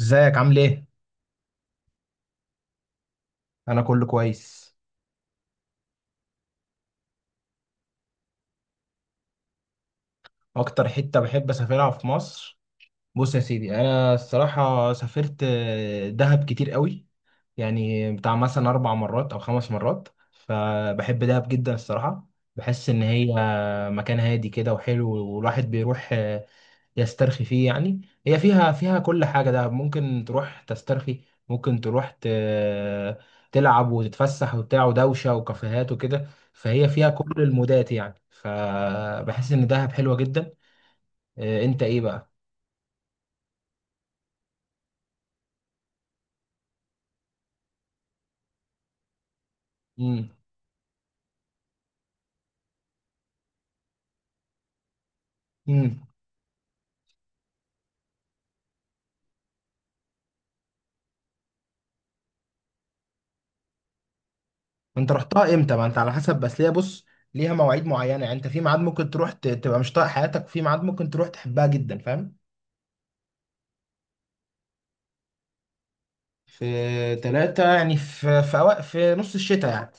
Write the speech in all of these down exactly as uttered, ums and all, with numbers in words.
ازيك عامل ايه؟ انا كله كويس. اكتر حتة بحب اسافرها في مصر، بص يا سيدي، انا الصراحة سافرت آه، دهب كتير قوي، يعني بتاع مثلا اربع مرات او خمس مرات، فبحب دهب جدا الصراحة. بحس ان هي مكان هادي كده وحلو، والواحد بيروح يسترخي فيه يعني. هي فيها فيها كل حاجة، ده ممكن تروح تسترخي، ممكن تروح ت... تلعب وتتفسح وبتاع ودوشة وكافيهات وكده. فهي فيها كل المودات يعني، فبحس إن دهب حلوة جدا. إيه، أنت إيه بقى؟ مم. مم. أنت رحتها إمتى؟ ما أنت على حسب، بس ليها بص، ليها مواعيد معينة يعني. أنت في ميعاد ممكن تروح ت... تبقى مش طايق حياتك، وفي ميعاد ممكن تروح تحبها جدا، فاهم؟ في تلاتة يعني، في في, أوق... في نص الشتاء يعني.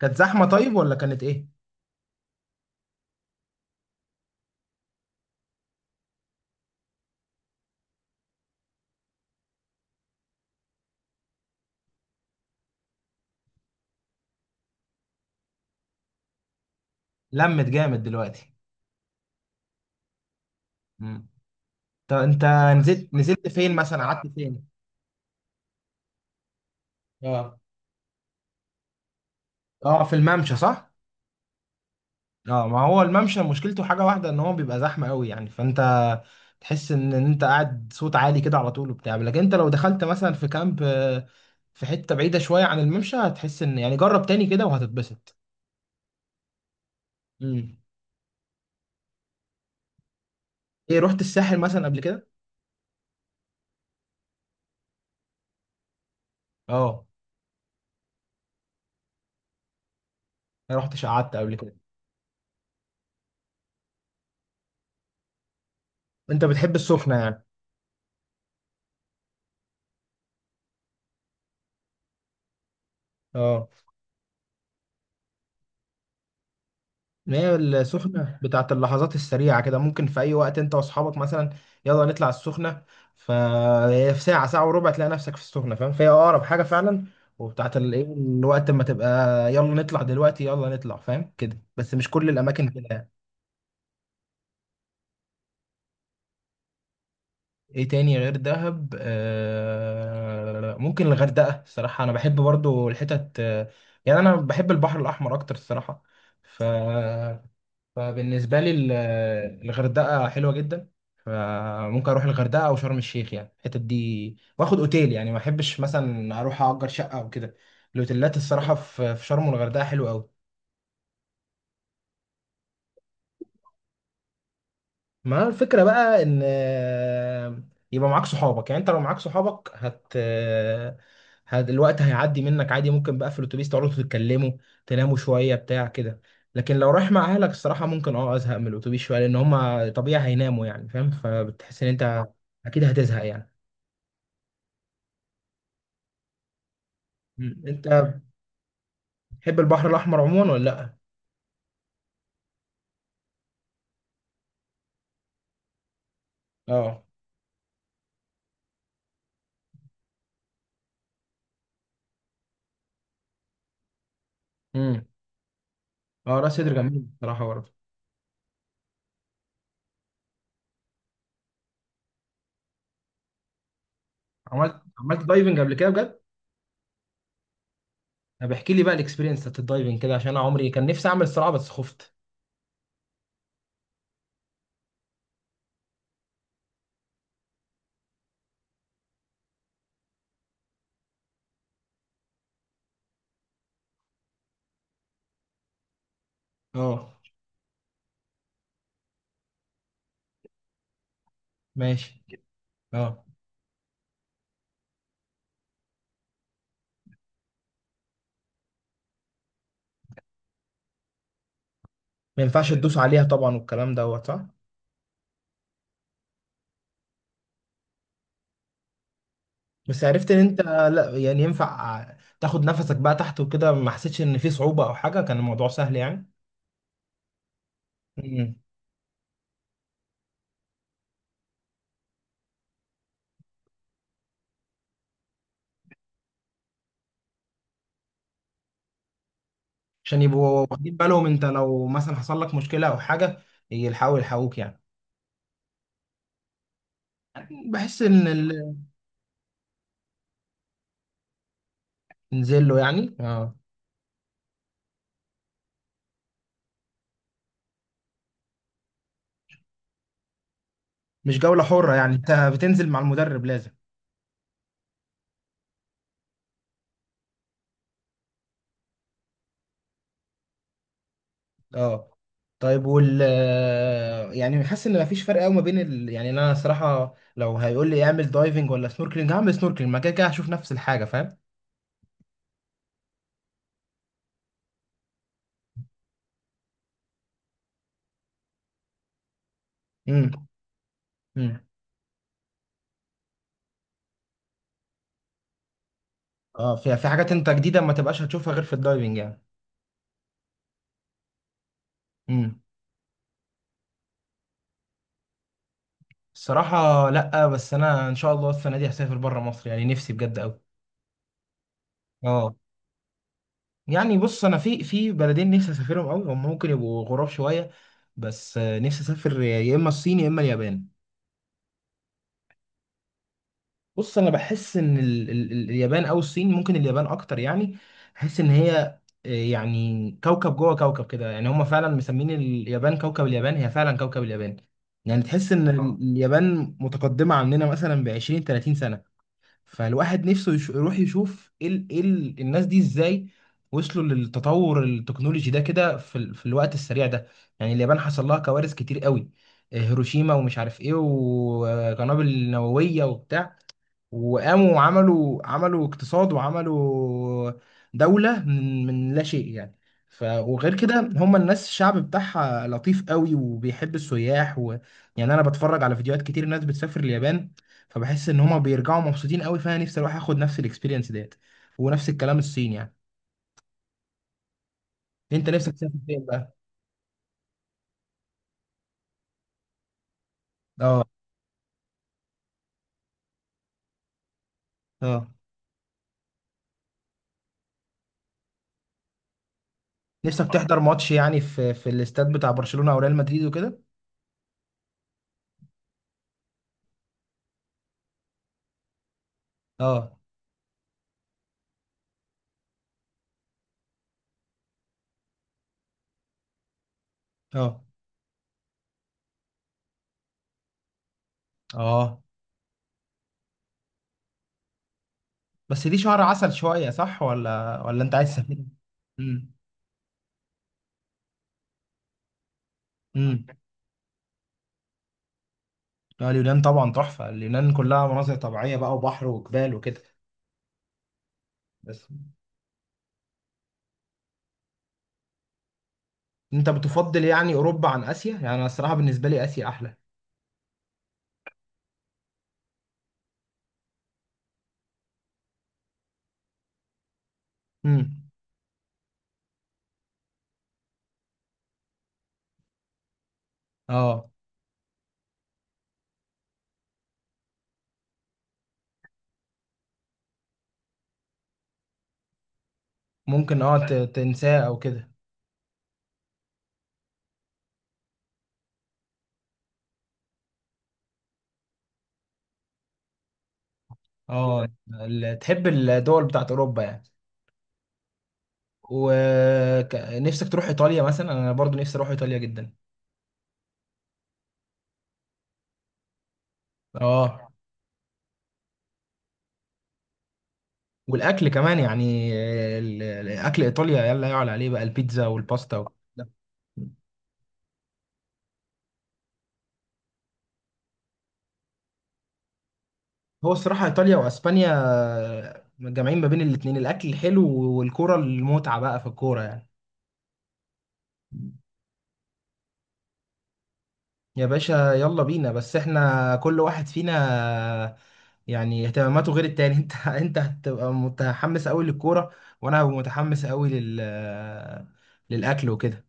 كانت زحمة طيب ولا كانت إيه؟ لمت جامد دلوقتي. مم. طب انت بس نزلت نزلت فين مثلا، قعدت فين؟ اه. اه في الممشى صح. اه، ما هو الممشى مشكلته حاجه واحده، ان هو بيبقى زحمه قوي يعني، فانت تحس ان إن انت قاعد صوت عالي كده على طول وبتاع، لكن انت لو دخلت مثلا في كامب آه، في حته بعيده شويه عن الممشى هتحس ان يعني، جرب تاني كده وهتتبسط. امم. ايه رحت الساحل مثلا قبل كده؟ اه ما رحتش قعدت قبل كده؟ انت بتحب السخنه يعني؟ اه. ما هي السخنة بتاعت اللحظات السريعة كده، ممكن في أي وقت أنت وأصحابك مثلا، يلا نطلع السخنة، فهي في ساعة ساعة وربع تلاقي نفسك في السخنة فاهم، فهي أقرب حاجة فعلا، وبتاعت الإيه الوقت ما تبقى، يلا نطلع دلوقتي، يلا نطلع فاهم كده، بس مش كل الأماكن كده يعني. إيه تاني غير دهب؟ آه ممكن الغردقة الصراحة، أنا بحب برضو الحتت آه، يعني أنا بحب البحر الأحمر أكتر الصراحة. ف فبالنسبة لي ال- الغردقة حلوة جدا، فممكن اروح الغردقة او شرم الشيخ، يعني الحتت دي واخد اوتيل، يعني ما احبش مثلا اروح اجر شقة او كده. الاوتيلات الصراحة في في شرم والغردقة حلوة قوي. ما الفكرة بقى ان آه، يبقى معاك صحابك، يعني انت لو معاك صحابك هت آه، هت- الوقت هيعدي منك عادي، ممكن بقى في الاتوبيس تقعدوا تتكلموا، تناموا شوية بتاع كده. لكن لو رايح مع اهلك الصراحة، ممكن اه ازهق من الاتوبيس شوية، لان هما طبيعي هيناموا يعني فاهم، فبتحس ان انت اكيد هتزهق يعني. مم. انت بتحب البحر الاحمر عموما ولا لا؟ اه. امم. اه راس سدر جميل بصراحة برضه. عملت عملت دايفنج قبل كده بجد؟ طب احكي لي بقى الاكسبيرينس بتاعت الدايفنج كده، عشان انا عمري كان نفسي اعمل الصراحة بس خفت. اه. ماشي. اه ما ينفعش تدوس عليها طبعا والكلام دوت صح. بس عرفت ان انت لا يعني ينفع تاخد نفسك بقى تحت وكده، ما حسيتش ان في صعوبة او حاجة، كان الموضوع سهل يعني؟ مم. عشان يبقوا واخدين بالهم انت لو مثلا حصل لك مشكلة او حاجة يلحقوا يلحقوك يعني. بحس ان ال... ننزل له يعني اه. مش جولة حرة يعني، انت بتنزل مع المدرب لازم. اه. طيب وال يعني حاسس ان مفيش فرق قوي ما بين ال... يعني انا صراحه لو هيقول لي اعمل دايفنج ولا سنوركلينج هعمل سنوركلينج، ما كده كده هشوف نفس الحاجه فاهم. امم. امم. اه في في حاجات انت جديده ما تبقاش هتشوفها غير في الدايفنج يعني. امم. الصراحه لا، بس انا ان شاء الله السنه دي هسافر بره مصر يعني نفسي بجد قوي. اه. يعني بص انا في في بلدين نفسي اسافرهم قوي، هم ممكن يبقوا غراب شويه، بس آه، نفسي اسافر يا اما الصين يا اما اليابان. بص انا بحس ان ال ال ال- اليابان او الصين، ممكن اليابان اكتر يعني. بحس ان هي آه، يعني كوكب جوه كوكب كده، يعني هم فعلا مسمين اليابان كوكب اليابان، هي فعلا كوكب اليابان. يعني تحس ان اه ال- اه اليابان متقدمة عننا مثلا ب عشرين تلاتين سنة. فالواحد نفسه يش- يروح يشوف ايه ال- ايه ال- الناس دي ازاي وصلوا للتطور التكنولوجي ده كده في, ال- في الوقت السريع ده. يعني اليابان حصل لها كوارث كتير قوي، آه، هيروشيما ومش عارف ايه وقنابل نووية وبتاع، وقاموا وعملوا عملوا اقتصاد وعملوا دولة من من لا شيء يعني. ف وغير كده هم الناس الشعب بتاعها لطيف قوي وبيحب السياح و... يعني انا بتفرج على فيديوهات كتير ناس بتسافر اليابان، فبحس ان هم بيرجعوا مبسوطين قوي، فانا نفسي اروح اخد نفس الاكسبيرينس ديت، ونفس الكلام الصين يعني. انت نفسك تسافر فين بقى؟ اه. اه. نفسك تحضر ماتش يعني في في الاستاد بتاع برشلونة او ريال مدريد وكده؟ اه. اه. اه. بس دي شهر عسل شوية صح، ولا ولا أنت عايز سفينة؟ امم. امم. لا اليونان طبعا تحفة، اليونان كلها مناظر طبيعية بقى وبحر وجبال وكده. بس أنت بتفضل يعني أوروبا عن آسيا؟ يعني أنا الصراحة بالنسبة لي آسيا أحلى. امم. اه ممكن اه ت- تنساه أو كده. اه ال- تحب الدول بتاعت أوروبا يعني؟ ونفسك تروح إيطاليا مثلا؟ أنا برضو نفسي أروح إيطاليا جدا. اه. والاكل كمان يعني ال- الاكل ايطاليا يلا يعلى عليه بقى البيتزا والباستا. هو الصراحة إيطاليا وأسبانيا جامعين ما بين الاتنين الأكل الحلو والكورة، المتعة بقى في الكورة يعني. يا باشا يلا بينا، بس إحنا كل واحد فينا يعني اهتماماته غير التاني أنت أنت هتبقى متحمس أوي للكورة، وأنا هبقى متحمس أوي لل، للأكل وكده.